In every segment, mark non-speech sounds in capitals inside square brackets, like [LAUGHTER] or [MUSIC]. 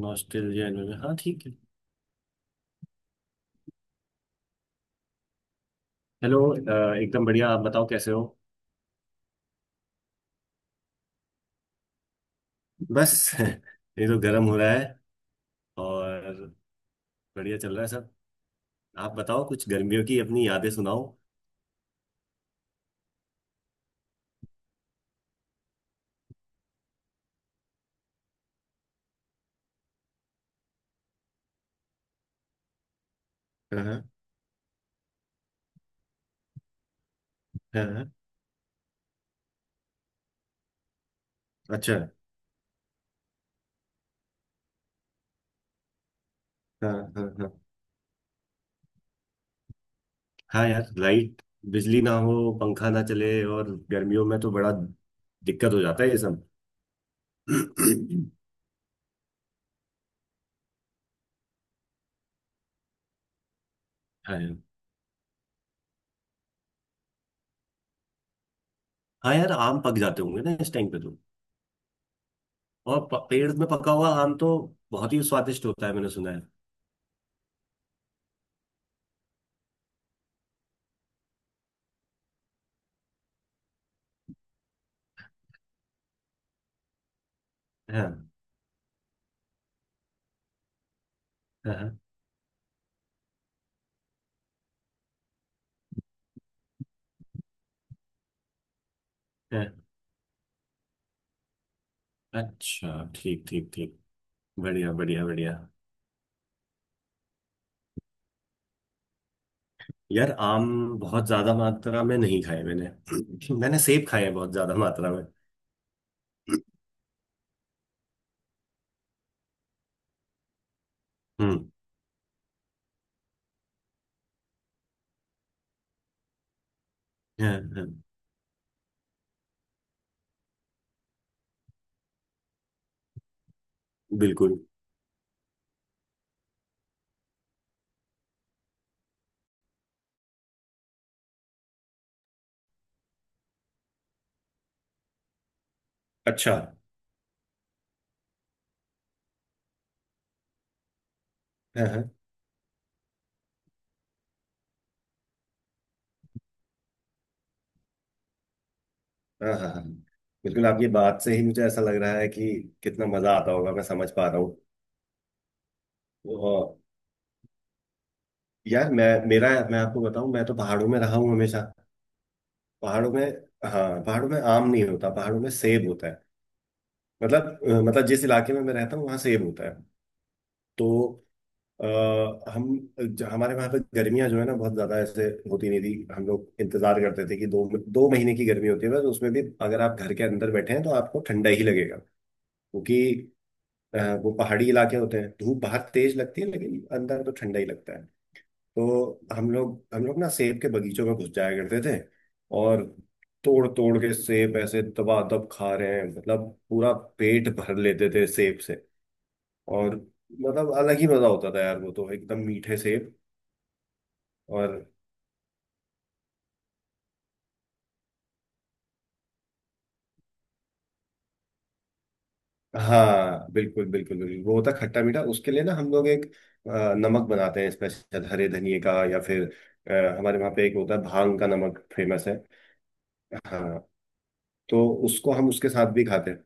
Nostalgia इन्होंने हाँ, ठीक है। हेलो। एकदम बढ़िया। आप बताओ कैसे हो। बस [LAUGHS] ये तो गर्म हो रहा है। और बढ़िया चल रहा है सब। आप बताओ कुछ गर्मियों की अपनी यादें सुनाओ। हाँ, हाँ, हाँ। अच्छा। हाँ हाँ, हाँ। हाँ यार, लाइट, बिजली ना हो, पंखा ना चले और गर्मियों में तो बड़ा दिक्कत हो जाता है ये सब। हाँ यार। हाँ यार, आम पक जाते होंगे ना इस टाइम पे तो। और पेड़ में पका हुआ आम तो बहुत ही स्वादिष्ट होता है, मैंने सुना है। हाँ, हाँ, हाँ। अच्छा, ठीक ठीक ठीक। बढ़िया बढ़िया बढ़िया। यार आम बहुत ज्यादा मात्रा में नहीं खाए मैंने। [CLEARS THROAT] मैंने सेब खाए हैं बहुत ज्यादा मात्रा में। [CLEARS THROAT] हम्म। हाँ, हाँ। बिल्कुल। अच्छा। हाँ, हाँ, हाँ, हाँ, हाँ। बिल्कुल आपकी बात से ही मुझे ऐसा लग रहा है कि कितना मजा आता होगा, मैं समझ पा रहा हूँ। और यार, मैं आपको बताऊं, मैं तो पहाड़ों में रहा हूँ हमेशा। पहाड़ों में। हाँ, पहाड़ों में आम नहीं होता, पहाड़ों में सेब होता है। मतलब मतलब जिस इलाके में मैं रहता हूँ वहाँ सेब होता है। तो अ, हम हमारे वहाँ पे गर्मियाँ जो है ना, बहुत ज़्यादा ऐसे होती नहीं थी। हम लोग इंतजार करते थे कि दो दो महीने की गर्मी होती है, बस उसमें भी अगर आप घर के अंदर बैठे हैं तो आपको ठंडा ही लगेगा। क्योंकि वो पहाड़ी इलाके होते हैं, धूप बाहर तेज लगती है लेकिन अंदर तो ठंडा ही लगता है। तो हम लोग ना सेब के बगीचों में घुस जाया करते थे। और तोड़ तोड़ के सेब ऐसे दबादब खा रहे हैं, मतलब पूरा पेट भर लेते थे सेब से। और मतलब अलग ही मजा होता था यार, वो तो एकदम मीठे सेब। और हाँ बिल्कुल बिल्कुल बिल्कुल, वो होता खट्टा मीठा। उसके लिए ना हम लोग एक नमक बनाते हैं स्पेशल, हरे धनिए का। या फिर हमारे वहाँ पे एक होता है भांग का नमक, फेमस है। हाँ, तो उसको हम उसके साथ भी खाते हैं।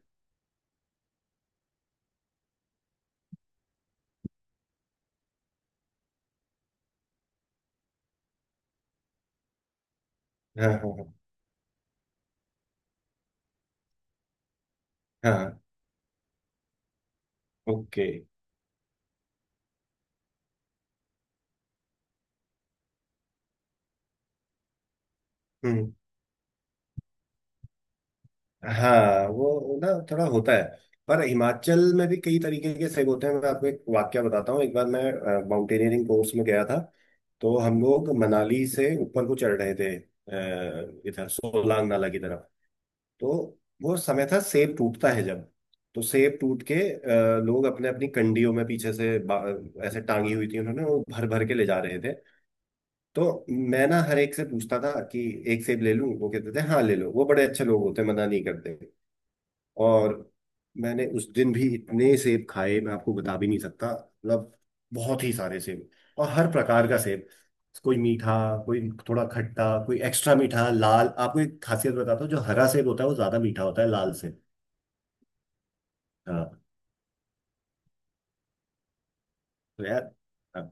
हाँ, हाँ, हाँ, हाँ, हाँ। ओके। हम्म। हाँ वो ना थोड़ा होता है, पर हिमाचल में भी कई तरीके के सेब होते हैं। मैं आपको एक वाक्य बताता हूँ। एक बार मैं माउंटेनियरिंग कोर्स में गया था। तो हम लोग मनाली से ऊपर को चढ़ रहे थे, इधर सोलांग नाला की तरफ। तो वो समय था सेब टूटता है जब। तो सेब टूट के लोग अपने अपनी कंडियों में पीछे से ऐसे टांगी हुई थी उन्होंने, वो भर भर के ले जा रहे थे। तो मैं ना हर एक से पूछता था कि एक सेब ले लूं। वो कहते थे हाँ ले लो। वो बड़े अच्छे लोग होते, मना नहीं करते। और मैंने उस दिन भी इतने सेब खाए मैं आपको बता भी नहीं सकता। मतलब बहुत ही सारे सेब, और हर प्रकार का सेब। कोई मीठा, कोई थोड़ा खट्टा, कोई एक्स्ट्रा मीठा लाल। आपको एक खासियत बताता हूँ, जो हरा सेब होता है वो ज्यादा मीठा होता है लाल से। हाँ, तो यार, हाँ।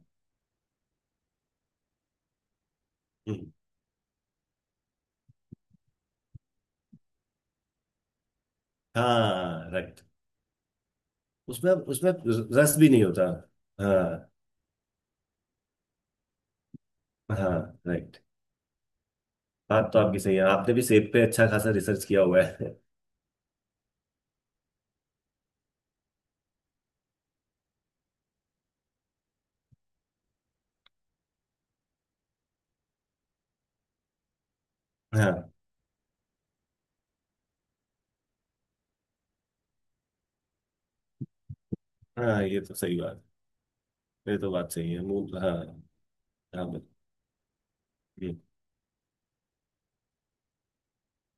हम्म, हाँ राइट। उसमें उसमें रस भी नहीं होता। हाँ, हाँ। राइट। बात तो आपकी सही है, आपने भी सेब पे अच्छा खासा रिसर्च किया हुआ है। [LAUGHS] हाँ, हाँ। ये तो सही बात, ये तो बात सही है मूल। हाँ, हाँ। हम्म।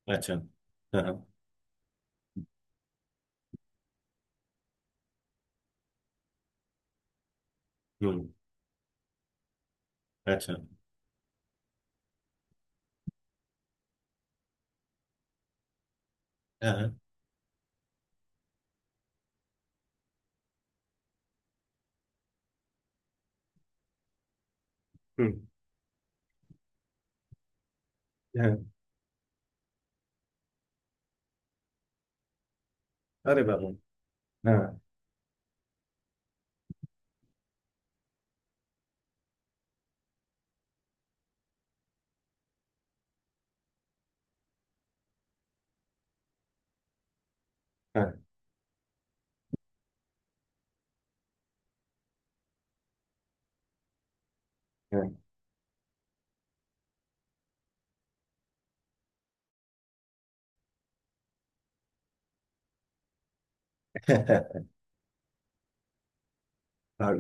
अच्छा। हाँ, हाँ। हम्म। अच्छा। हाँ, हाँ। हम्म। हाँ। अरे बाबू। हाँ, हाँ, हाँ। [LAUGHS] हाँ।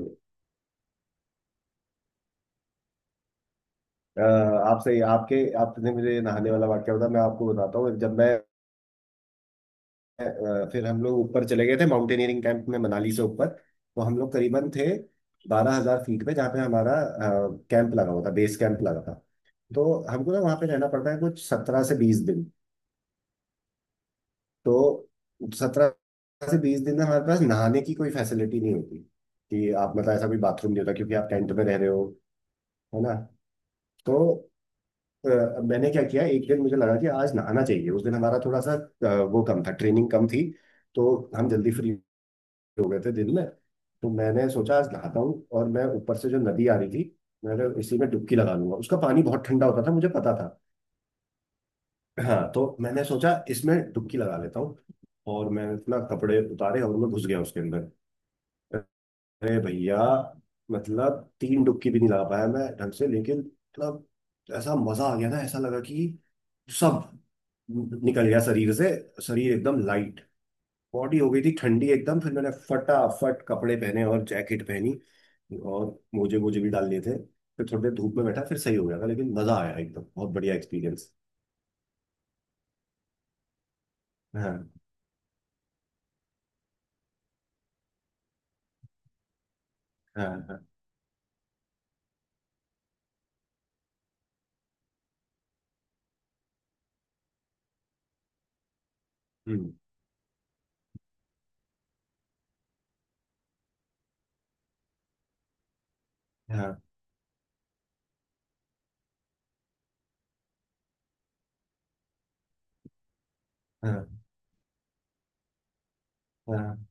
अ, आपसे आपके आपने मुझे नहाने वाला वाक्य बताया, मैं आपको बताता हूँ। जब मैं फिर हम लोग ऊपर चले गए थे माउंटेनियरिंग कैंप में, मनाली से ऊपर। तो हम लोग करीबन थे 12,000 फीट पे, जहाँ पे हमारा कैंप लगा हुआ था, बेस कैंप लगा था। तो हमको ना वहाँ पे रहना पड़ता है कुछ 17 से 20 दिन। तो 17 से 20 दिन में हमारे पास नहाने की कोई फैसिलिटी नहीं होती कि आप, मतलब ऐसा कोई बाथरूम नहीं होता क्योंकि आप टेंट में रह रहे हो, है ना। तो अ, मैंने क्या किया, एक दिन मुझे लगा कि आज नहाना चाहिए। उस दिन हमारा थोड़ा सा वो कम था, ट्रेनिंग कम थी, तो हम जल्दी फ्री हो गए थे दिन में। तो मैंने सोचा आज नहाता हूँ, और मैं ऊपर से जो नदी आ रही थी मैंने इसी में डुबकी लगा लूंगा। उसका पानी बहुत ठंडा होता था मुझे पता था। हाँ, तो मैंने सोचा इसमें डुबकी लगा लेता हूँ। और मैं अपना कपड़े उतारे और मैं घुस गया उसके अंदर। अरे भैया, मतलब तीन डुबकी भी नहीं लगा पाया मैं ढंग से, लेकिन मतलब ऐसा मजा आ गया ना, ऐसा लगा कि सब निकल गया शरीर से, शरीर एकदम लाइट, बॉडी हो गई थी ठंडी एकदम। फिर मैंने फटाफट कपड़े पहने और जैकेट पहनी। और मोजे मोजे भी डाल लिए थे। फिर थोड़ी देर धूप में बैठा, फिर सही हो गया था, लेकिन मजा आया एकदम, बहुत बढ़िया एक्सपीरियंस। हाँ, हाँ, हाँ। हम्म, हाँ, हाँ, हाँ, हाँ,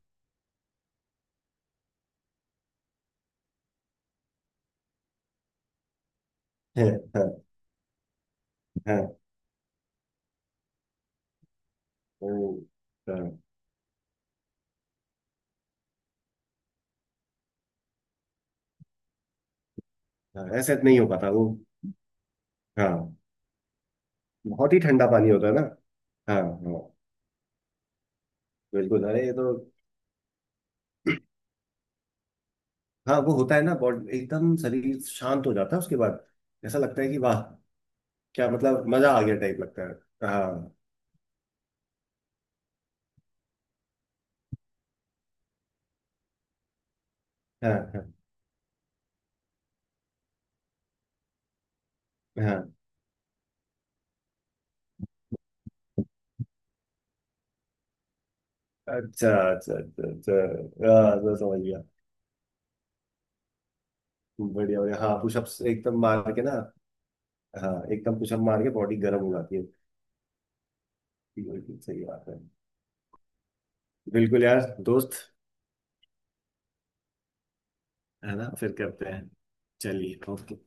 हाँ, हाँ, हाँ, हाँ, हाँ, ऐसे नहीं हो पाता वो। हाँ, बहुत ही ठंडा पानी होता है ना। हाँ, हाँ। बिल्कुल, अरे ये तो। हाँ, वो होता है ना, बॉडी एकदम, शरीर शांत हो जाता है उसके बाद। ऐसा लगता है कि वाह, क्या, मतलब मजा आ गया टाइप लगता है। हाँ। हाँ, हाँ, हाँ। अच्छा अच्छा अच्छा अच्छा। हाँ, मैं समझ गया। बढ़िया बढ़िया, हाँ, पुशअप्स एकदम मार के ना। हाँ, एकदम पुशअप मार के बॉडी गर्म हो जाती है। बिल्कुल सही बात है। बिल्कुल यार दोस्त। है ना, फिर करते हैं। चलिए, ओके।